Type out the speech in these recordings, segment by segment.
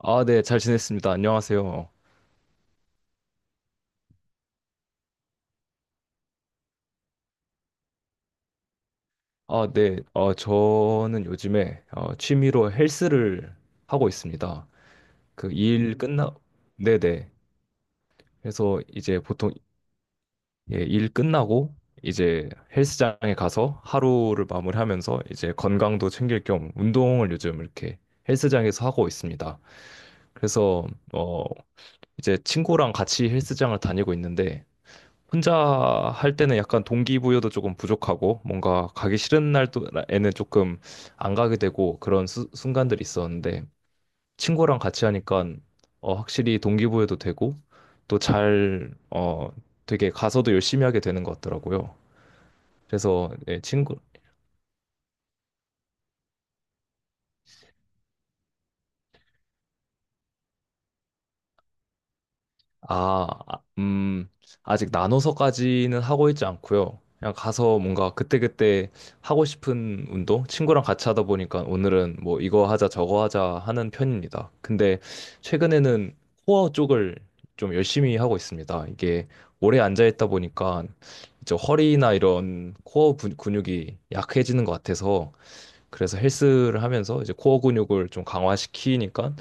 아, 네, 잘 지냈습니다. 안녕하세요. 아, 네, 저는 요즘에 취미로 헬스를 하고 있습니다. 그 일 끝나, 네네. 그래서 이제 보통 예, 일 끝나고 이제 헬스장에 가서 하루를 마무리하면서 이제 건강도 챙길 겸 운동을 요즘 이렇게 헬스장에서 하고 있습니다. 그래서 어, 이제 친구랑 같이 헬스장을 다니고 있는데 혼자 할 때는 약간 동기부여도 조금 부족하고 뭔가 가기 싫은 날에는 조금 안 가게 되고 그런 순간들이 있었는데 친구랑 같이 하니까 확실히 동기부여도 되고 또 잘, 되게 가서도 열심히 하게 되는 것 같더라고요. 그래서 예, 친구, 아, 아, 아직 나눠서까지는 하고 있지 않고요. 그냥 가서 뭔가 그때그때 하고 싶은 운동? 친구랑 같이 하다 보니까 오늘은 뭐 이거 하자 저거 하자 하는 편입니다. 근데 최근에는 코어 쪽을 좀 열심히 하고 있습니다. 이게 오래 앉아있다 보니까 이제 허리나 이런 코어 근육이 약해지는 것 같아서 그래서 헬스를 하면서 이제 코어 근육을 좀 강화시키니까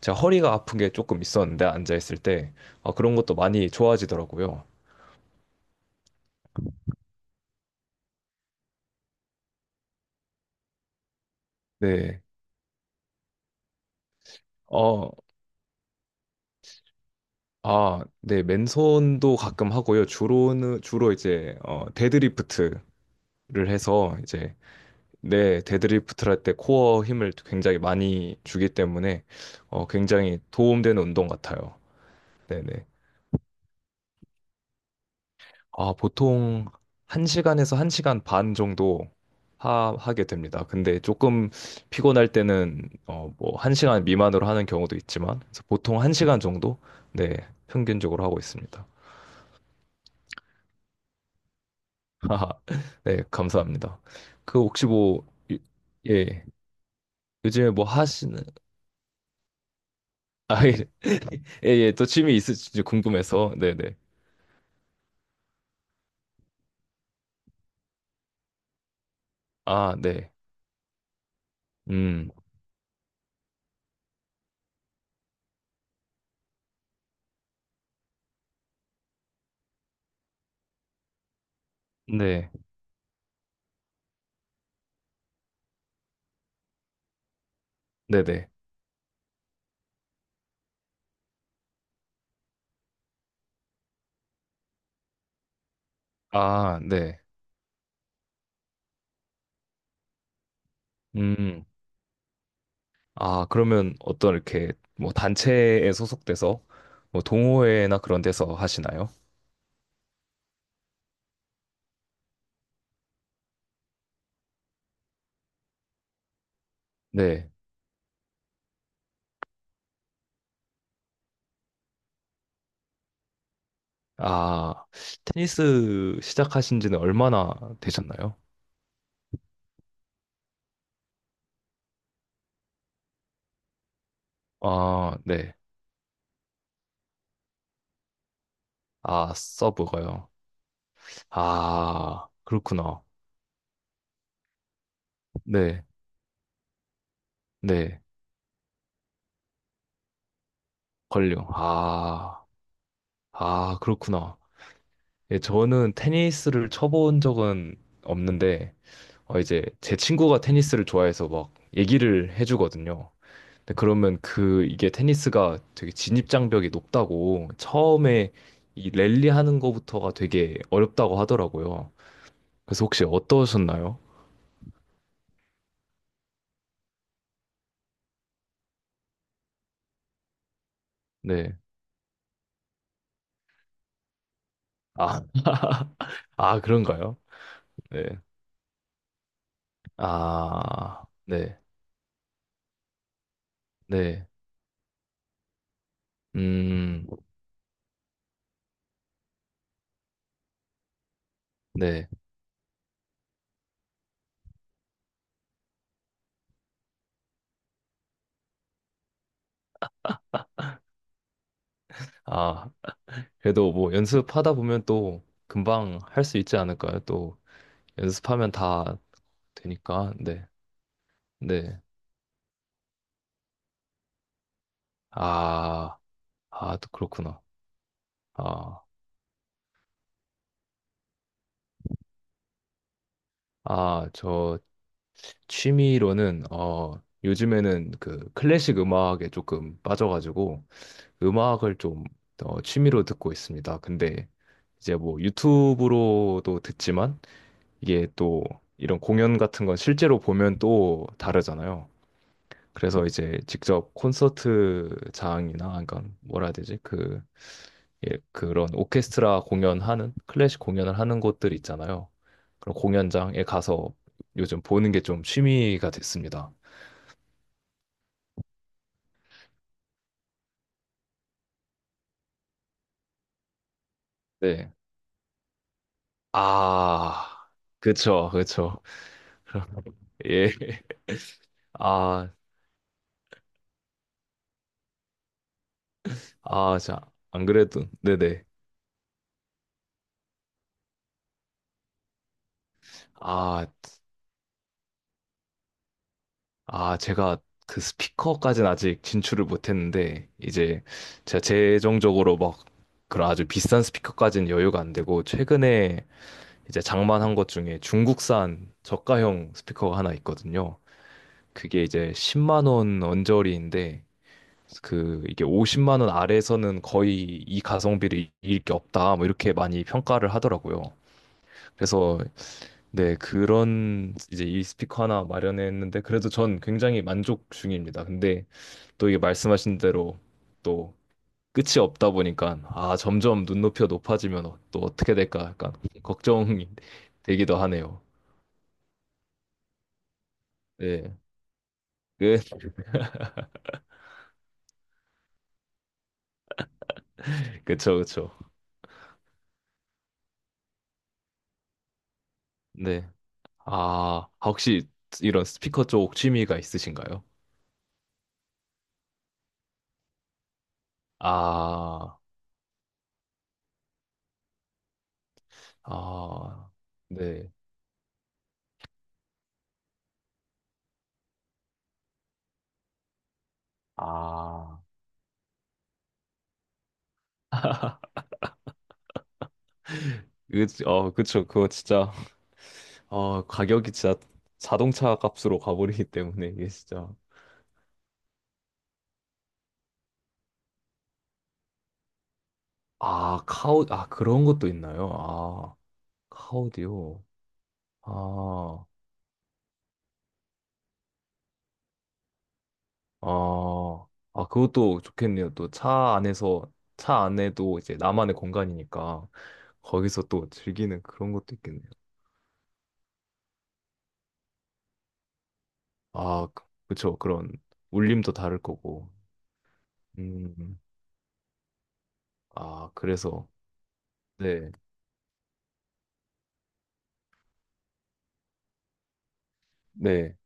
제가 허리가 아픈 게 조금 있었는데 앉아있을 때 아, 그런 것도 많이 좋아지더라고요. 네. 어, 아, 네. 맨손도 가끔 하고요. 주로는, 주로 이제 데드리프트를 해서 이제 네, 데드리프트를 할 때 코어 힘을 굉장히 많이 주기 때문에 굉장히 도움되는 운동 같아요. 네네. 아, 보통 1시간에서 1시간 반 정도 하, 하게 됩니다. 근데 조금 피곤할 때는 뭐 1시간 미만으로 하는 경우도 있지만, 그래서 보통 1시간 정도 네, 평균적으로 하고 있습니다. 네, 감사합니다. 그 혹시 뭐 예, 요즘에 뭐 하시는 아, 예, 예, 예, 또 취미 있으신지 궁금해서. 네, 네. 아, 네. 음. 네. 네, 네. 아, 네. 음. 아, 그러면 어떤 이렇게 뭐 단체에 소속돼서 뭐 동호회나 그런 데서 하시나요? 네. 아, 테니스 시작하신 지는 얼마나 되셨나요? 아, 네. 아, 서브가요. 아, 그렇구나. 네. 네. 걸려. 아, 아, 그렇구나. 예, 저는 테니스를 쳐본 적은 없는데, 이제 제 친구가 테니스를 좋아해서 막 얘기를 해주거든요. 근데 그러면 그 이게 테니스가 되게 진입장벽이 높다고, 처음에 이 랠리 하는 거부터가 되게 어렵다고 하더라고요. 그래서 혹시 어떠셨나요? 네. 아, 아, 그런가요? 네. 아, 네. 네. 음, 네. 아, 그래도 뭐 연습하다 보면 또 금방 할 수 있지 않을까요? 또 연습하면 다 되니까. 네. 네. 아, 아, 또 그렇구나. 아, 아, 저 취미로는 요즘에는 그 클래식 음악에 조금 빠져가지고 음악을 좀 취미로 듣고 있습니다. 근데 이제 뭐 유튜브로도 듣지만 이게 또 이런 공연 같은 건 실제로 보면 또 다르잖아요. 그래서 이제 직접 콘서트장이나, 그러니까 뭐라 해야 되지? 그 예, 그런 오케스트라 공연하는, 클래식 공연을 하는 곳들 있잖아요. 그런 공연장에 가서 요즘 보는 게 좀 취미가 됐습니다. 네. 아, 그쵸, 그쵸. 예. 아, 아, 자, 안 그래도, 네네. 아, 아, 제가 그 스피커까지는 아직 진출을 못했는데, 이제 제가 재정적으로 막 그런 아주 비싼 스피커까지는 여유가 안 되고, 최근에 이제 장만한 것 중에 중국산 저가형 스피커가 하나 있거든요. 그게 이제 10만 원 언저리인데, 그 이게 50만 원 아래에서는 거의 이 가성비를 이길 게 없다, 뭐 이렇게 많이 평가를 하더라고요. 그래서 네, 그런 이제 이 스피커 하나 마련했는데, 그래도 전 굉장히 만족 중입니다. 근데 또 이게 말씀하신 대로 또 끝이 없다 보니까, 아, 점점 눈높이가 높아지면 또 어떻게 될까 약간 걱정이 되기도 하네요. 네. 그, 그쵸, 그쵸. 네. 아, 혹시 이런 스피커 쪽 취미가 있으신가요? 아, 아, 네. 아, 그, 그쵸. 그거 진짜, 가격이 진짜 자동차 값으로 가버리기 때문에 이게 진짜. 아, 아, 그런 것도 있나요? 아. 카오디오. 아, 아, 아, 그것도 좋겠네요. 또 차 안에서, 차 안에도 이제 나만의 공간이니까 거기서 또 즐기는 그런 것도 있겠네요. 아, 그- 그쵸. 그런 울림도 다를 거고. 음, 아, 그래서, 네, 네.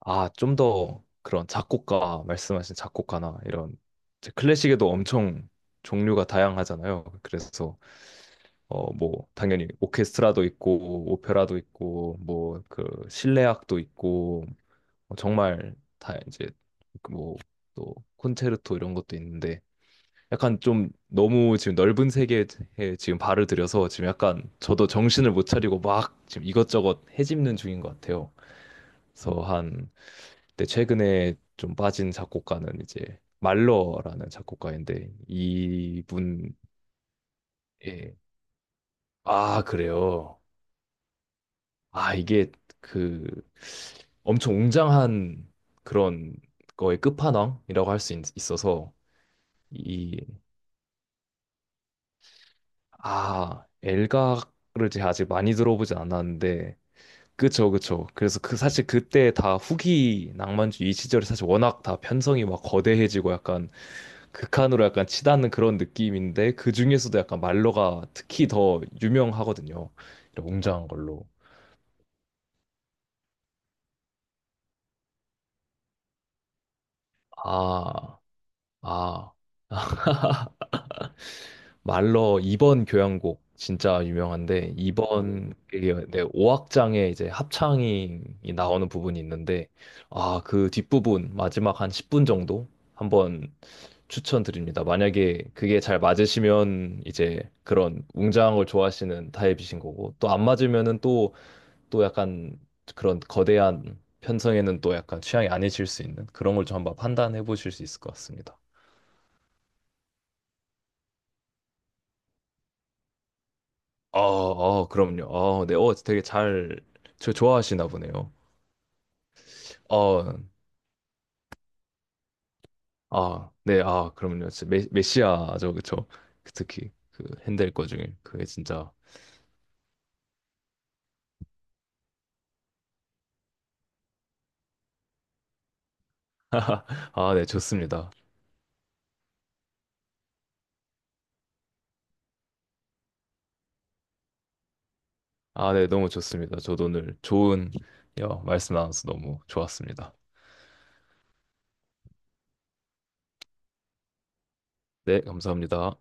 아, 좀 더 그런 작곡가, 말씀하신 작곡가나 이런, 이제 클래식에도 엄청 종류가 다양하잖아요. 그래서 뭐, 당연히 오케스트라도 있고, 오페라도 있고, 뭐, 그, 실내악도 있고, 정말 다 이제, 그 뭐, 또, 콘체르토 이런 것도 있는데, 약간 좀 너무 지금 넓은 세계에 지금 발을 들여서 지금 약간 저도 정신을 못 차리고 막 지금 이것저것 헤집는 중인 것 같아요. 그래서 한, 그때 최근에 좀 빠진 작곡가는 이제, 말러라는 작곡가인데, 이분의, 아, 그래요. 아, 이게 그 엄청 웅장한 그런 거의 끝판왕이라고 할 수 있어서 이, 아, 엘가를 제가 아직 많이 들어보진 않았는데 그쵸, 그쵸. 그래서 그 사실 그때 다 후기 낭만주의 이 시절에 사실 워낙 다 편성이 막 거대해지고 약간 극한으로 약간 치닫는 그런 느낌인데, 그 중에서도 약간 말러가 특히 더 유명하거든요. 이런 웅장한 걸로. 아, 아. 말러 2번 교향곡 진짜 유명한데, 2번 그게 네, 악장에 이제 합창이 나오는 부분이 있는데, 아, 그 뒷부분 마지막 한 10분 정도 한번 추천드립니다. 만약에 그게 잘 맞으시면 이제 그런 웅장한 걸 좋아하시는 타입이신 거고, 또 안 맞으면은 또 또 약간 그런 거대한 편성에는 또 약간 취향이 아니실 수 있는, 그런 걸 좀 한번 판단해 보실 수 있을 것 같습니다. 아, 아, 그럼요. 네, 되게 잘, 저 좋아하시나 보네요. 어, 아, 네, 아, 그럼요. 진짜 메, 메시아죠, 그쵸? 그 특히 그 핸델 거 중에 그게 진짜, 아, 네, 좋습니다. 아, 네, 너무 좋습니다. 저도 오늘 좋은, 야, 말씀 나눠서 너무 좋았습니다. 네, 감사합니다.